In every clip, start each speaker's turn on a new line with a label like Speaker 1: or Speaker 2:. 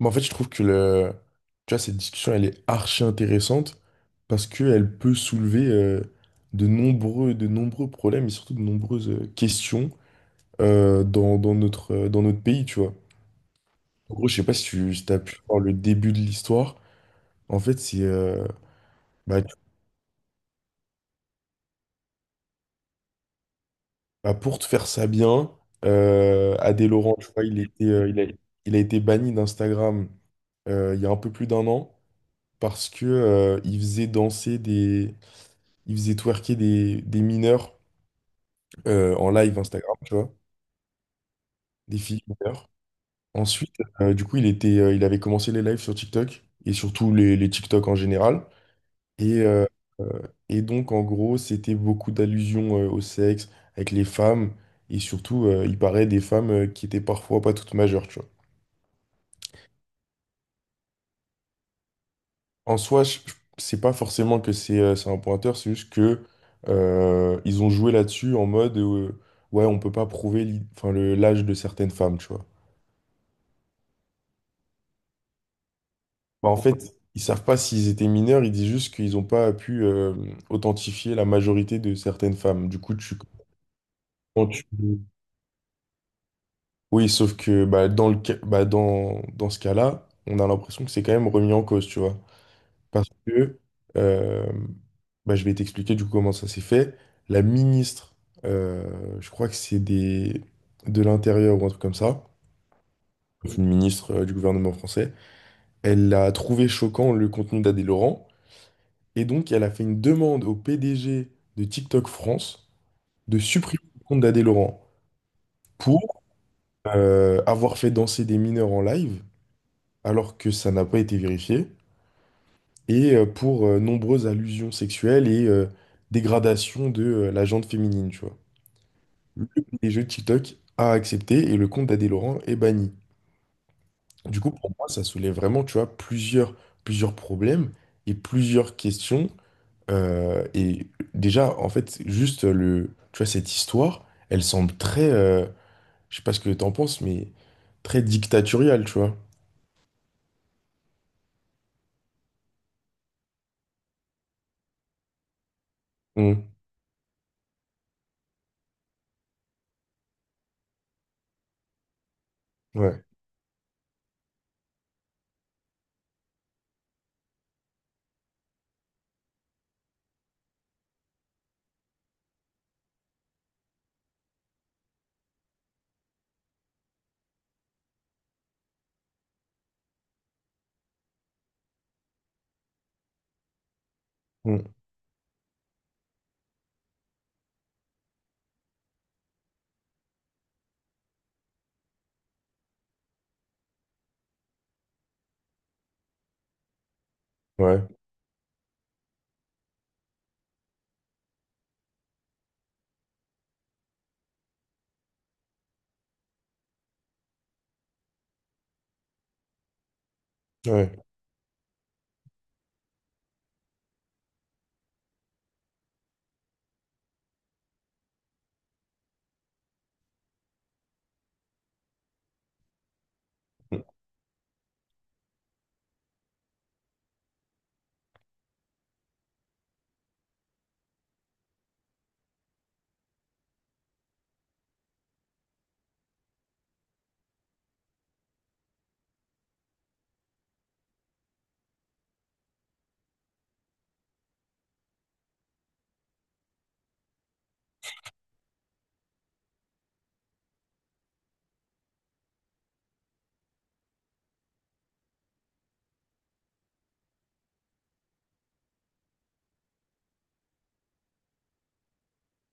Speaker 1: Mais en fait, je trouve que le... tu vois, cette discussion, elle est archi intéressante parce qu'elle peut soulever de nombreux problèmes et surtout de nombreuses questions dans, dans notre pays, tu vois. En gros, je sais pas si tu as pu voir le début de l'histoire. En fait, c'est... bah, tu- bah, pour te faire ça bien, Adé Laurent, tu vois, il a été banni d'Instagram il y a un peu plus d'un an parce que, il faisait danser des... Il faisait twerker des mineurs en live Instagram, tu vois, des filles mineures. Ensuite, du coup, il avait commencé les lives sur TikTok et surtout les TikTok en général. Et, euh, euh, et donc, en gros, c'était beaucoup d'allusions au sexe avec les femmes et surtout, il paraît des femmes qui étaient parfois pas toutes majeures, tu vois. En soi, c'est pas forcément que c'est un pointeur, c'est juste que ils ont joué là-dessus en mode ouais, on peut pas prouver enfin, l'âge de certaines femmes, tu vois. Bah, en fait, ils savent pas s'ils étaient mineurs, ils disent juste qu'ils n'ont pas pu authentifier la majorité de certaines femmes. Du coup, quand tu- oui, sauf que bah, dans, dans ce cas-là, on a l'impression que c'est quand même remis en cause, tu vois. Parce que, euh, bah, je vais t'expliquer du coup comment ça s'est fait. La ministre, je crois que c'est des... de l'Intérieur ou un truc comme ça, une ministre du gouvernement français, elle a trouvé choquant le contenu d'Adé Laurent. Et donc, elle a fait une demande au PDG de TikTok France de supprimer le compte d'Adé Laurent pour avoir fait danser des mineurs en live, alors que ça n'a pas été vérifié, et pour nombreuses allusions sexuelles et dégradation de la gente féminine, tu vois. Le PDG de TikTok a accepté et le compte d'Adé Laurent est banni. Du coup, pour moi, ça soulève vraiment, tu vois, plusieurs, plusieurs problèmes et plusieurs questions. Euh, et déjà, en fait, juste le, tu vois, cette histoire, elle semble très, euh, je sais pas ce que t'en penses, mais très dictatoriale, tu vois. Mm. Ouais. Mm. Ouais. Ouais. Mm.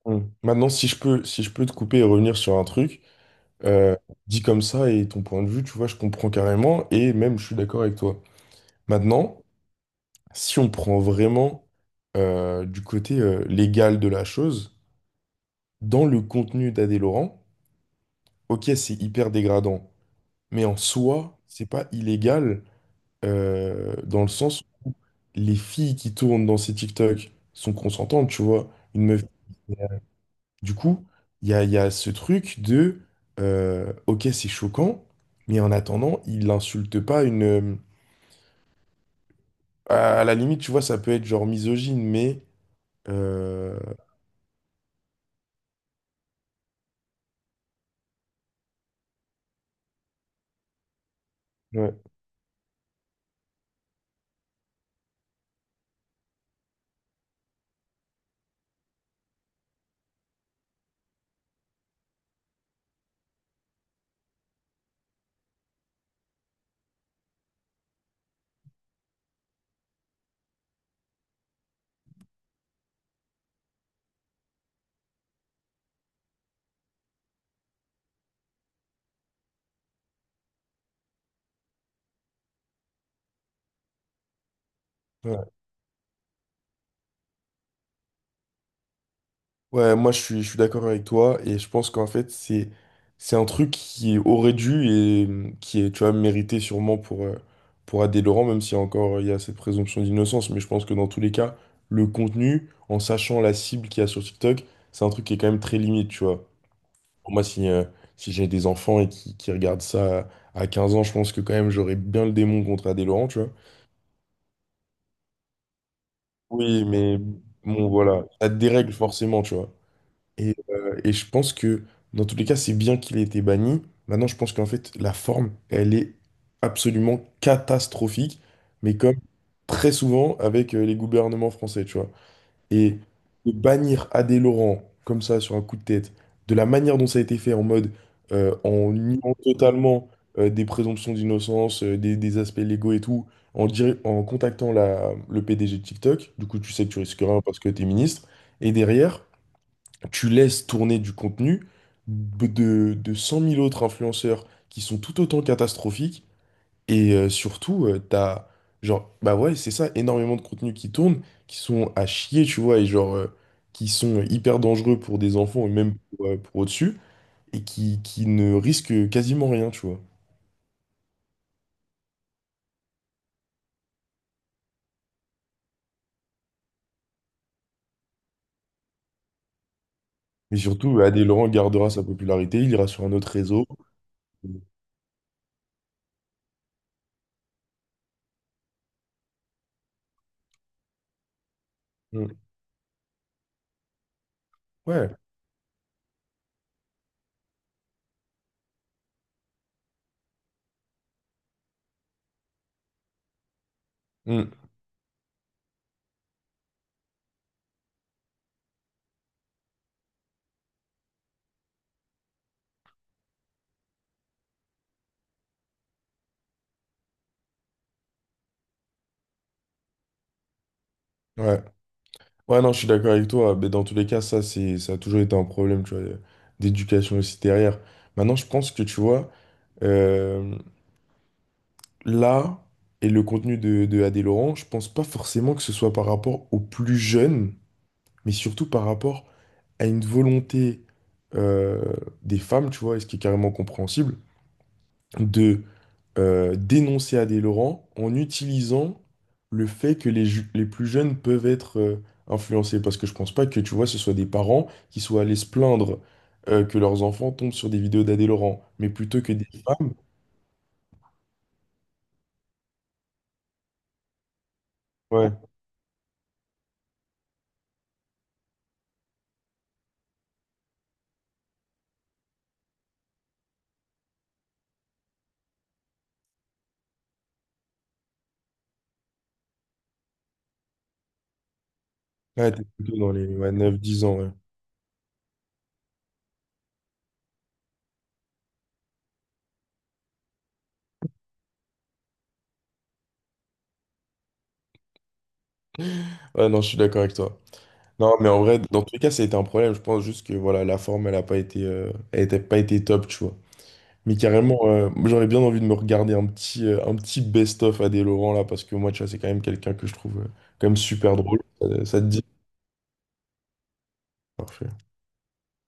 Speaker 1: Mm. Maintenant, si je peux, si je peux te couper et revenir sur un truc, euh, dit comme ça et ton point de vue, tu vois, je comprends carrément et même je suis d'accord avec toi. Maintenant, si on prend vraiment du côté légal de la chose, dans le contenu d'Adé Laurent, ok, c'est hyper dégradant. Mais en soi, c'est pas illégal dans le sens où les filles qui tournent dans ces TikTok sont consentantes, tu vois. Une meuf. Du coup, il y a ce truc de ok, c'est choquant, mais en attendant, il n'insulte pas une. À la limite, tu vois, ça peut être genre misogyne, mais. euh, ouais, ouais. Ouais, moi je suis d'accord avec toi et je pense qu'en fait c'est un truc qui aurait dû et qui est tu vois mérité sûrement pour Adé Laurent, même si encore il y a cette présomption d'innocence, mais je pense que dans tous les cas le contenu, en sachant la cible qu'il y a sur TikTok, c'est un truc qui est quand même très limite, tu vois. Pour moi si si j'ai des enfants et qui regardent ça à 15 ans, je pense que quand même j'aurais bien le démon contre Adé Laurent, tu vois. Oui mais bon voilà ça te dérègle forcément, tu vois. Et je pense que dans tous les cas, c'est bien qu'il ait été banni. Maintenant, je pense qu'en fait, la forme, elle est absolument catastrophique, mais comme très souvent avec les gouvernements français, tu vois. Et de bannir Adé Laurent comme ça sur un coup de tête, de la manière dont ça a été fait, en mode en niant totalement des présomptions d'innocence, des aspects légaux et tout, en contactant la, le PDG de TikTok, du coup, tu sais que tu risques rien parce que t'es ministre. Et derrière, tu laisses tourner du contenu de 100 000 autres influenceurs qui sont tout autant catastrophiques. Surtout, genre, bah ouais, c'est ça, énormément de contenus qui tournent, qui sont à chier, tu vois, et genre, qui sont hyper dangereux pour des enfants et même pour au-dessus, et qui ne risquent quasiment rien, tu vois. Mais surtout, bah, Adé Laurent gardera sa popularité, il ira sur un autre réseau. Mm. Ouais. Mm. Ouais. Ouais, non, je suis d'accord avec toi. Mais dans tous les cas, ça, c'est, ça a toujours été un problème, tu vois, d'éducation aussi derrière. Maintenant, je pense que, tu vois, euh, là, et le contenu de Adé Laurent, je pense pas forcément que ce soit par rapport aux plus jeunes, mais surtout par rapport à une volonté euh, des femmes, tu vois, et ce qui est carrément compréhensible, de dénoncer Adé Laurent en utilisant le fait que les, les plus jeunes peuvent être influencés. Parce que je pense pas que, tu vois, ce soit des parents qui soient allés se plaindre que leurs enfants tombent sur des vidéos d'Adé Laurent, mais plutôt que des femmes. Ouais, ouais, t'es plutôt dans les ouais, 9-10 ans. Ouais. Ouais, non, je suis d'accord avec toi. Non, mais en vrai, dans tous les cas, ça a été un problème. Je pense juste que voilà, la forme, elle a pas été, elle était pas été top, tu vois. Mais carrément, j'aurais bien envie de me regarder un petit best-of Adé Laurent là, parce que moi, tu vois, c'est quand même quelqu'un que je trouve quand même super drôle. Ça te dit? Parfait.